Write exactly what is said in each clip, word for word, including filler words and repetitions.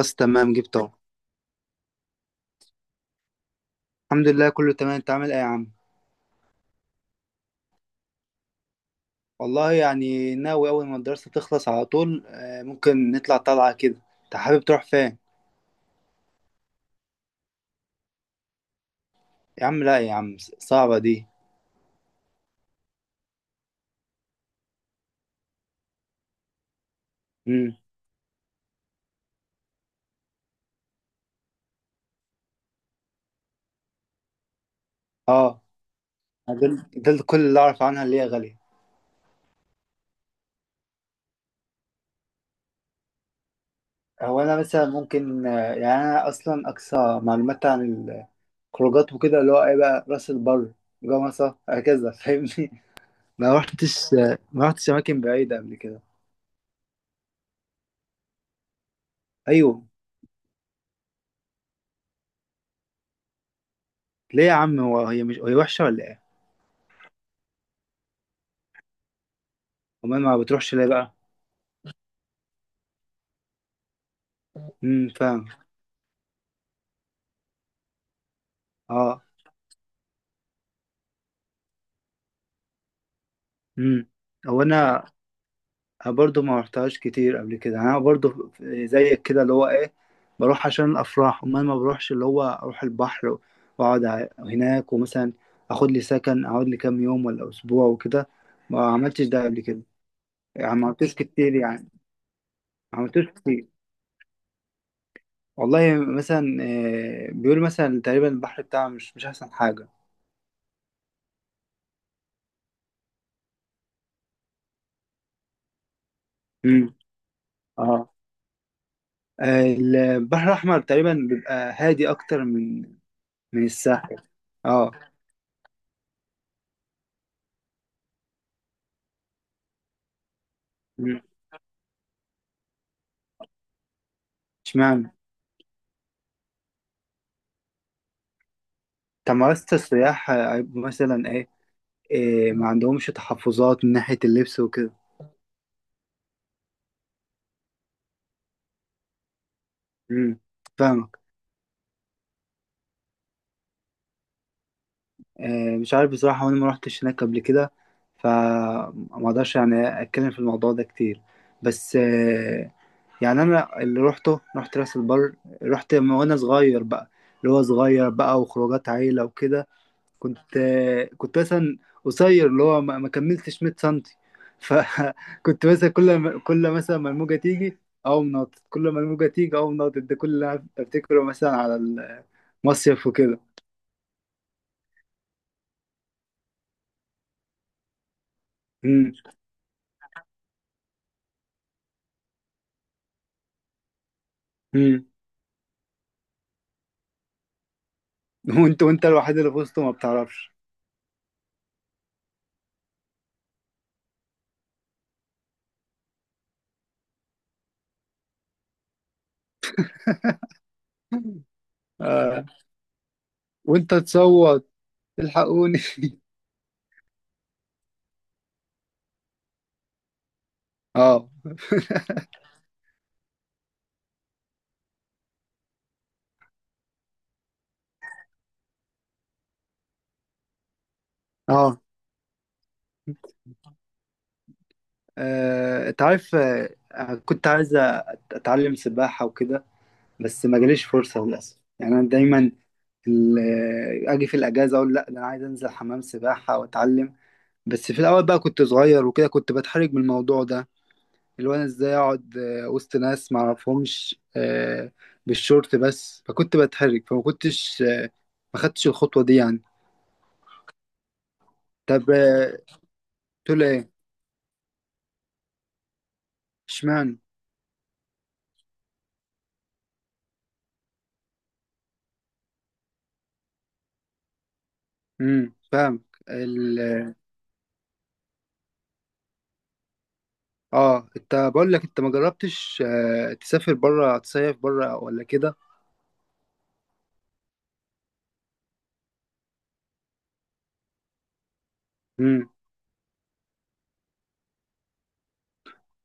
بس تمام جبته. الحمد لله كله تمام، انت عامل ايه يا عم؟ والله يعني ناوي اول ما الدراسة تخلص على طول، آه، ممكن نطلع طلعة كده. انت حابب تروح فين؟ يا عم لا يا عم، ص- صعبة دي. امم. اه. دول دول كل اللي اعرف عنها اللي هي غالية. هو انا مثلا ممكن آه، يعني انا اصلا اقصى معلومات عن الخروجات وكده، اللي هو ايه بقى راس البر، جمصة، هكذا فاهمني. ما رحتش، آه، ما رحتش اماكن بعيدة قبل كده. ايوه. ليه يا عم، هو هي مش هي وحشة ولا ايه؟ امال ما بتروحش ليه بقى؟ امم، فاهم. اه. امم. هو انا برضو ما رحتهاش كتير قبل كده، يعني انا برضو زيك كده اللي هو ايه، بروح عشان الافراح. امال ما بروحش اللي هو اروح البحر واقعد ع- هناك، ومثلا اخد لي سكن اقعد لي كام يوم ولا اسبوع وكده. ما عملتش ده قبل كده. يعني ما عملتوش كتير يعني. ما عملتوش كتير. والله مثلا، آه، بيقولوا مثلا تقريبا البحر بتاعه مش مش احسن حاجة. امم. اه. البحر الاحمر تقريبا بيبقى هادي اكتر من من الساحل. اه. مم. اشمعنى؟ طب ممارسة السياح آه، مثلا ايه، إيه، ما عندهمش تحفظات من ناحية اللبس وكده؟ امم. فاهمك. إيه مش عارف بصراحة، وانا ما روحتش هناك قبل كده، فما اقدرش يعني اتكلم في الموضوع ده كتير. بس إيه، يعني انا اللي روحته رحت راس البر، رحت من وانا صغير بقى، اللي هو صغير بقى وخروجات عيلة وكده. كنت كنت مثلا قصير اللي هو ما ما كملتش 100 سنتي. فكنت مثلا كل ما كل مثلا ما الموجه تيجي اقوم ناطط، كل ما الموجه تيجي اقوم ناطط، ده كل اللي أنا افتكره مثلا على المصيف وكده. امم. امم. وانت وانت الوحيد اللي في وسطه ما بتعرفش. آه. وانت تصوت الحقوني. اه. اه. آه، انت عارف، آه، كنت عايز اتعلم سباحة وكده، بس ما جاليش فرصة للأسف. يعني انا دايما ال- اجي في الاجازه اقول لا ده انا عايز انزل حمام سباحه واتعلم، بس في الاول بقى كنت صغير وكده، كنت بتحرج من الموضوع ده، اللي هو انا ازاي اقعد آه، وسط ناس ما اعرفهمش آه، بالشورت بس، فكنت بتحرج فما كنتش آه، ما خدتش الخطوه دي يعني. طب آه، تقول ايه؟ اشمعنى؟ امم فاهم. ال. اه، انت بقول لك انت ما جربتش آه، تسافر بره تصيف بره ولا كده؟ إمم.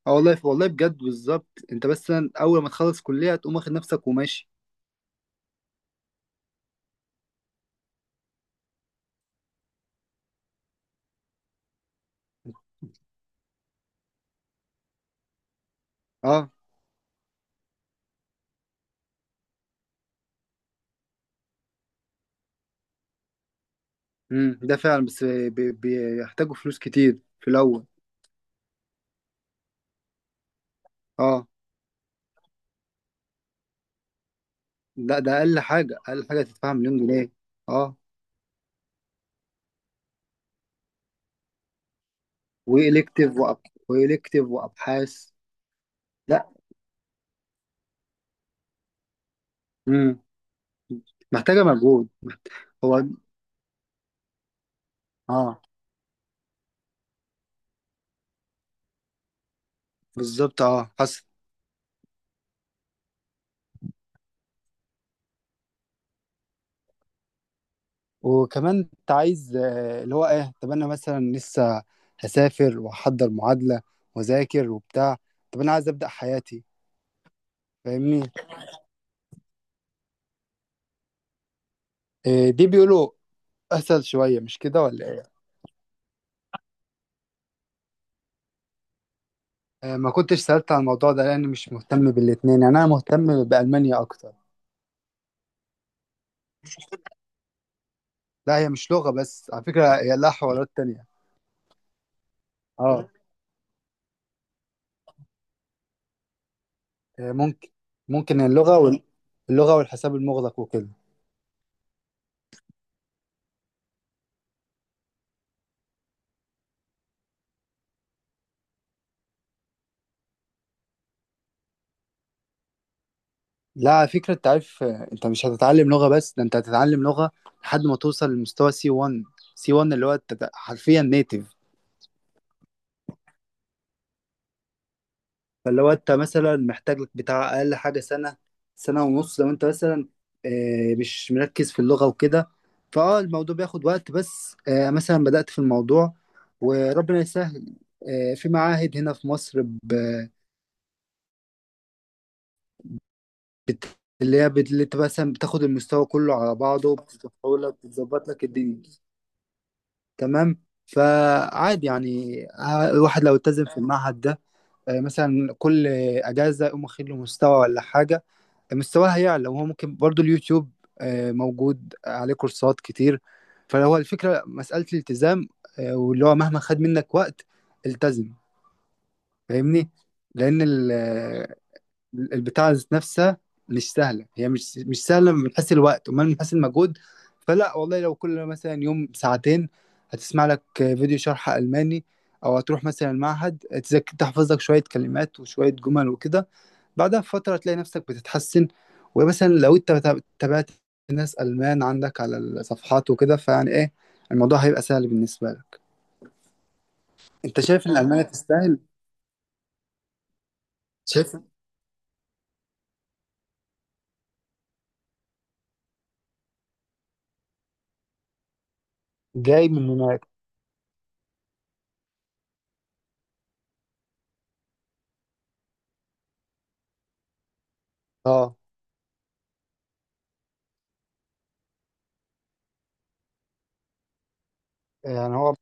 اه والله، والله بجد بالظبط، انت بس اول ما تخلص كلية تقوم واخد نفسك وماشي. اه. امم، ده فعلا، بس بي- بيحتاجوا فلوس كتير في الاول. اه. لا ده اقل حاجة، اقل حاجة تدفعها مليون جنيه. اه. والكتيف وأب... والكتيف وابحاث. لا. امم. محتاجة مجهود. هو. اه. بالظبط اه، حصل. وكمان انت عايز آه، اللي هو ايه، طب انا مثلا لسه هسافر واحضر معادلة واذاكر وبتاع، طب انا عايز ابدأ حياتي. فاهمني. إيه، دي بيقولوا اسهل شويه مش كده ولا ايه؟ آه، ما كنتش سألت عن الموضوع ده لأني مش مهتم بالاتنين، يعني أنا مهتم بألمانيا أكتر. لا هي مش لغة بس على فكرة، هي لها حوارات تانية. اه. آه، ممكن. ممكن اللغة وال... اللغة والحساب المغلق وكده. لا على فكرة، أنت عارف آه، أنت مش هتتعلم لغة بس، ده أنت هتتعلم لغة لحد ما توصل لمستوى سي وان، سي وان اللي هو أنت حرفيا نيتف. فلو انت مثلا محتاج لك بتاع اقل حاجه سنه، سنه ونص لو انت مثلا آه، مش مركز في اللغه وكده، فاه الموضوع بياخد وقت، بس آه، مثلا بدأت في الموضوع وربنا يسهل. آه، في معاهد هنا في مصر، ب- بت- اللي هي بت- اللي انت مثلا بتاخد المستوى كله على بعضه بتدخله لك بتظبط لك الدنيا. تمام، فعادي يعني، آه، الواحد لو التزم في المعهد ده آه، مثلا كل اجازه يقوم واخد له مستوى ولا حاجه، مستواها يعلى. وهو ممكن برضو اليوتيوب آه، موجود عليه كورسات كتير. فهو الفكرة مسألة الالتزام، آه، واللي هو مهما خد منك وقت التزم. فاهمني. لأن ال- آه، البتاع ذات نفسها مش سهله، هي مش مش سهله من حيث الوقت وما من حيث المجهود. فلا والله، لو كل مثلا يوم ساعتين هتسمع لك فيديو شرح الماني، او هتروح مثلا المعهد تذاك- تحفظ لك شويه كلمات وشويه جمل وكده، بعدها بفتره تلاقي نفسك بتتحسن. ومثلا لو انت تاب- تابعت ناس المان عندك على الصفحات وكده، فيعني ايه، الموضوع هيبقى سهل بالنسبه لك. انت شايف ان المانيا تستاهل؟ شايف. جاي من هناك. اه. يعني هو.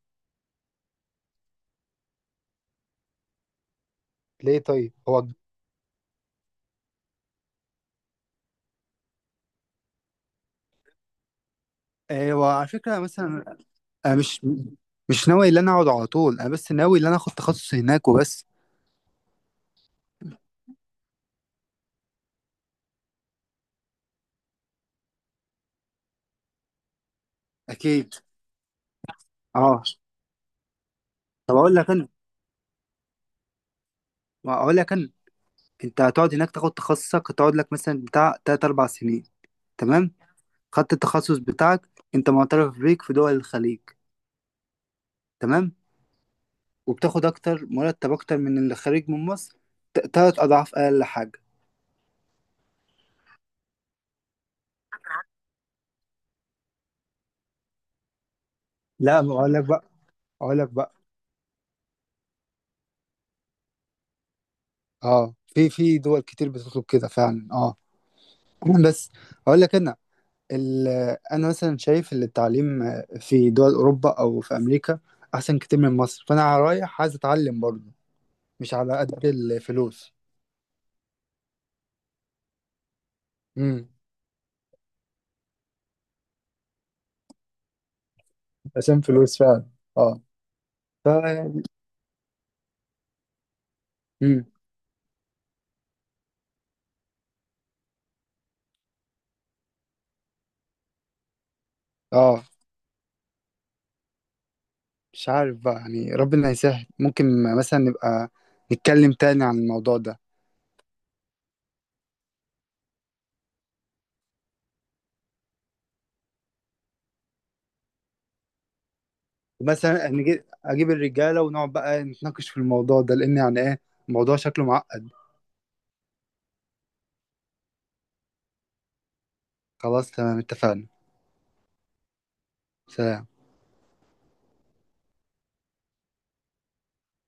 ليه طيب هو. آه، وعلى فكرة مثلا، أنا مش مش ناوي إن أنا أقعد على طول، أنا بس ناوي إن أنا آخد تخصص هناك وبس. أكيد. أه. طب أقول لك أنا، ما أقول لك أنا، أنت هتقعد هناك تاخد تخصصك، هتقعد لك مثلا بتاع تلات أربع سنين. تمام. خدت التخصص بتاعك، أنت معترف بيك في دول الخليج. تمام. وبتاخد أكتر مرتب، أكتر من اللي خارج من مصر، ت- تلات أضعاف أقل حاجة. لا ما أقول لك بقى. أقول لك بقى، أه في في دول كتير بتطلب كده فعلا أه. بس أقول لك أنا، ال- انا مثلا شايف ان التعليم في دول اوروبا او في امريكا احسن كتير من مصر، فانا رايح عايز اتعلم برضه، مش على قد الفلوس. امم. عشان فلوس فعلا. اه. ف. امم. اه مش عارف بقى، يعني ربنا يسهل، ممكن مثلا نبقى نتكلم تاني عن الموضوع ده. ومثلا نجي- اجيب الرجاله ونقعد بقى نتناقش في الموضوع ده، لان يعني ايه، الموضوع شكله معقد. خلاص تمام، اتفقنا. سلام.